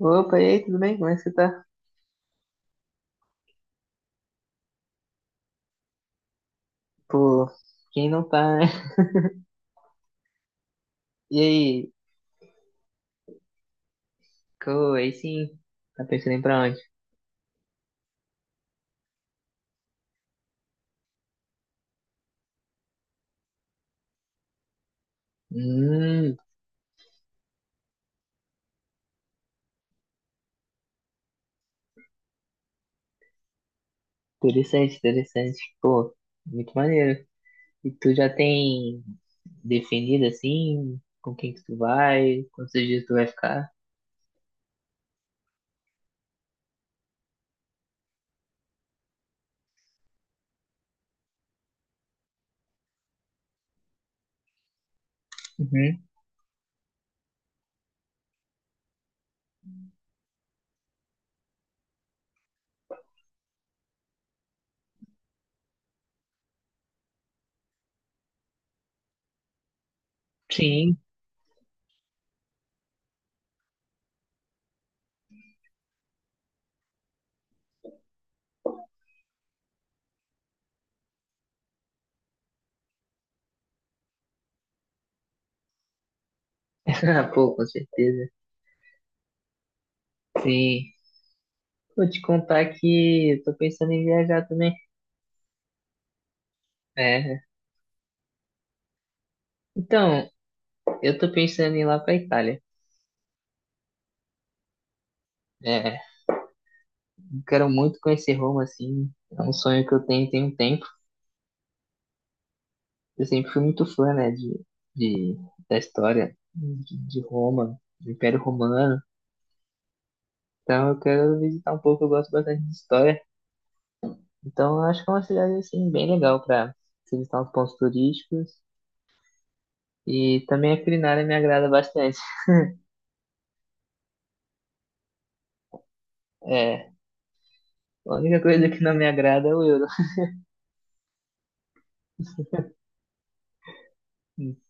Opa, e aí, tudo bem? Como é que você tá? Pô, quem não tá, né? E aí, aí sim, tá pensando em ir pra onde? Hum, interessante, interessante. Pô, muito maneiro. E tu já tem definido, assim, com quem que tu vai, quantos dias tu vai ficar? Uhum, sim. Ah, pô, com certeza. Sim. Vou te contar que eu tô pensando em viajar também. É. Então, eu tô pensando em ir lá pra Itália. É. Quero muito conhecer Roma, assim. É um sonho que eu tenho tem um tempo. Eu sempre fui muito fã, né, de, da história de Roma, do Império Romano. Então eu quero visitar um pouco, eu gosto bastante de história. Então eu acho que é uma cidade, assim, bem legal para visitar os pontos turísticos. E também a culinária me agrada bastante. É, a única coisa que não me agrada é o euro.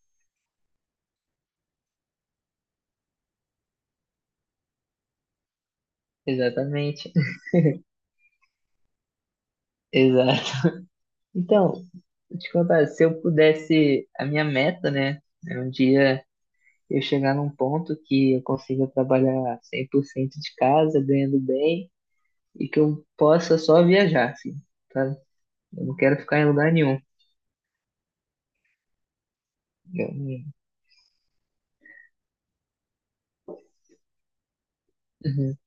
Exatamente. Exato. Então, vou te contar, se eu pudesse, a minha meta, né, é um dia eu chegar num ponto que eu consiga trabalhar 100% de casa, ganhando bem, e que eu possa só viajar, assim, sabe? Eu não quero ficar em lugar nenhum. Eu- uhum.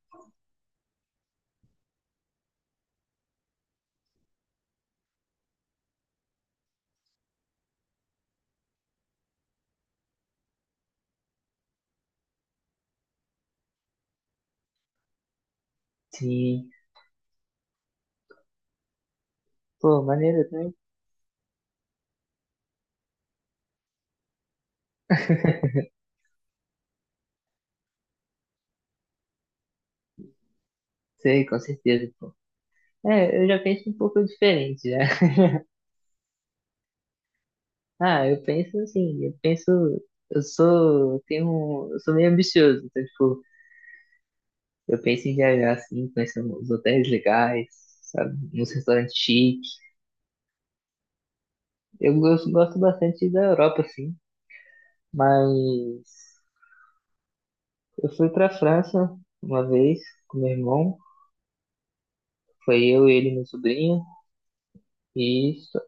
Sim. Pô, maneiro também. Sei, com certeza, pô. É, eu já penso um pouco diferente, né? Ah, eu penso assim, eu sou meio ambicioso, então, tipo, eu penso em viajar assim, conhecer uns hotéis legais, sabe, uns restaurantes chiques. Eu gosto bastante da Europa, assim. Mas eu fui para a França uma vez com meu irmão. Foi eu, ele e meu sobrinho. E, só,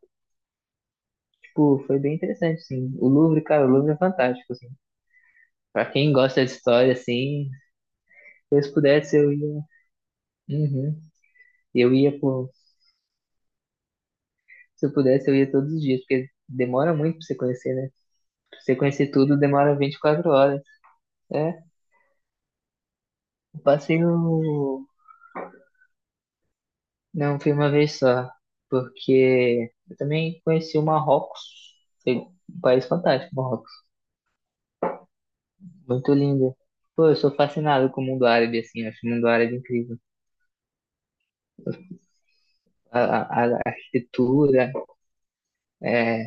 tipo, foi bem interessante, assim. O Louvre, cara, o Louvre é fantástico, assim. Pra quem gosta de história, assim, se eu pudesse, eu ia. Uhum. Eu ia por... Se eu pudesse, eu ia todos os dias, porque demora muito pra você conhecer, né? Pra você conhecer tudo, demora vinte e quatro horas. É, eu passei no... não, fui uma vez só. Porque eu também conheci o Marrocos. Foi um país fantástico, Marrocos. Muito linda. Pô, eu sou fascinado com o mundo árabe, assim, eu acho o mundo árabe incrível. A, a arquitetura, é,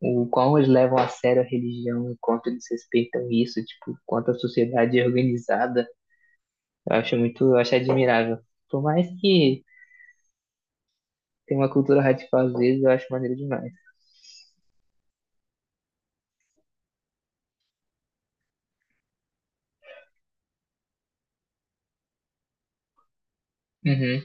o como eles levam a sério a religião, o quanto eles respeitam isso, tipo, quanto a sociedade é organizada, eu acho admirável. Por mais que tenha uma cultura radical às vezes, eu acho maneiro demais. Uhum,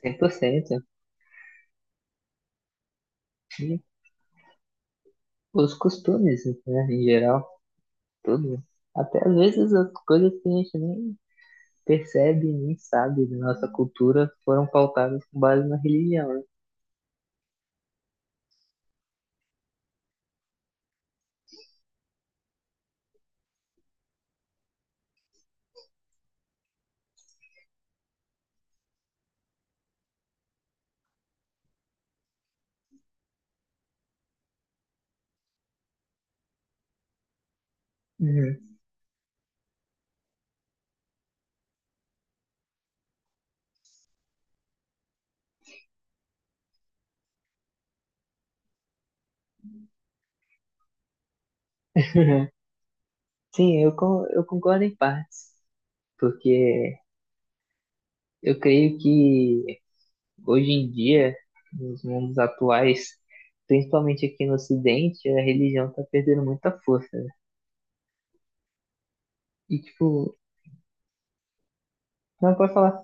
100%. E os costumes, né, em geral, tudo. Até às vezes as coisas que a gente nem percebe nem sabe de nossa cultura foram pautadas com base na religião, né? Uhum. Sim, eu, eu concordo em partes, porque eu creio que hoje em dia, nos mundos atuais, principalmente aqui no Ocidente, a religião tá perdendo muita força, né? E, tipo, não pode falar.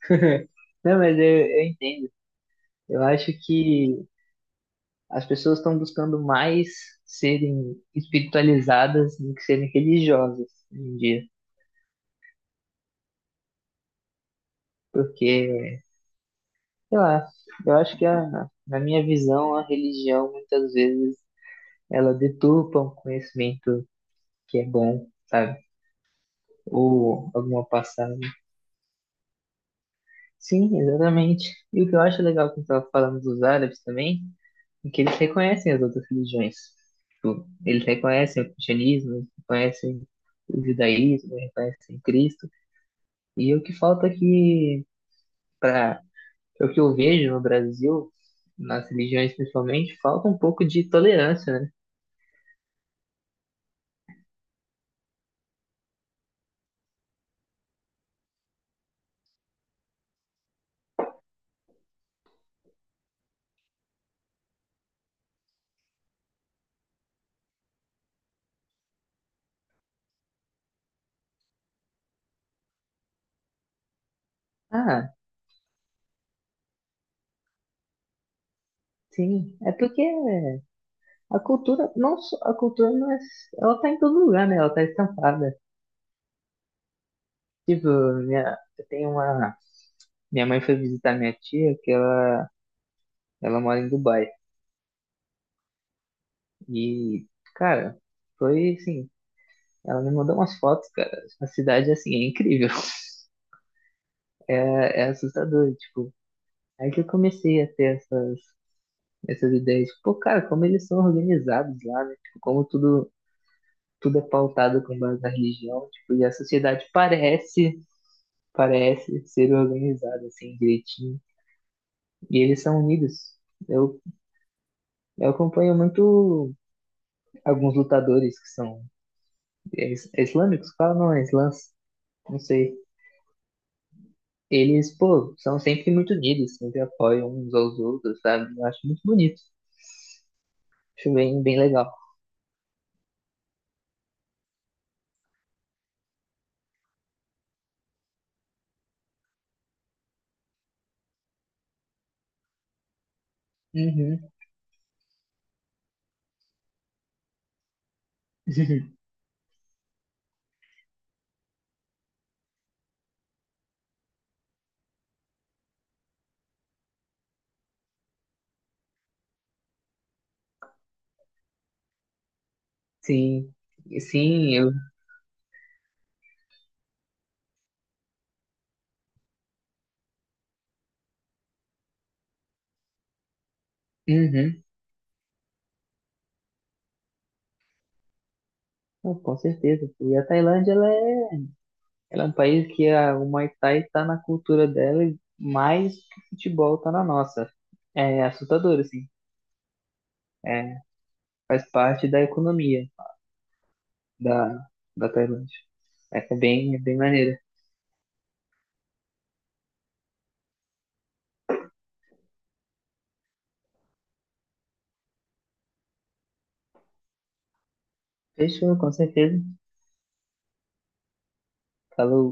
Não, mas eu entendo. Eu acho que as pessoas estão buscando mais serem espiritualizadas do que serem religiosas hoje em dia, porque sei lá, eu acho que na minha visão, a religião muitas vezes ela deturpa um conhecimento que é bom, sabe? Ou alguma passagem. Sim, exatamente. E o que eu acho legal quando estava falando dos árabes também, é que eles reconhecem as outras religiões. Tipo, eles reconhecem o cristianismo, eles reconhecem o judaísmo, eles reconhecem Cristo. E o que falta aqui, para o que eu vejo no Brasil, nas religiões principalmente, falta um pouco de tolerância, né? Ah, sim, é porque a cultura, a cultura não é, ela tá em todo lugar, né? Ela tá estampada. Tipo, minha, eu tenho uma, minha mãe foi visitar minha tia, que ela mora em Dubai. E, cara, foi assim, ela me mandou umas fotos, cara. A cidade, assim, é incrível. É, é assustador, tipo. Aí que eu comecei a ter essas ideias, tipo, pô, cara, como eles são organizados lá, né? Tipo, como tudo, tudo é pautado com base na religião, tipo, e a sociedade parece ser organizado assim direitinho. E eles são unidos. Eu, eu acompanho muito alguns lutadores que são islâmicos, fala não, é islãs, não sei. Eles, pô, são sempre muito unidos, sempre apoiam uns aos outros, sabe? Eu acho muito bonito. Acho bem legal. Uhum, sim. Sim, eu. Uhum. Pô, com certeza. E a Tailândia, ela é um país que o Muay Thai está na cultura dela mais do que o futebol está na nossa. É assustador, assim. É, faz parte da economia da, da Tailândia. É, é bem maneiro. Fechou, com certeza. Falou.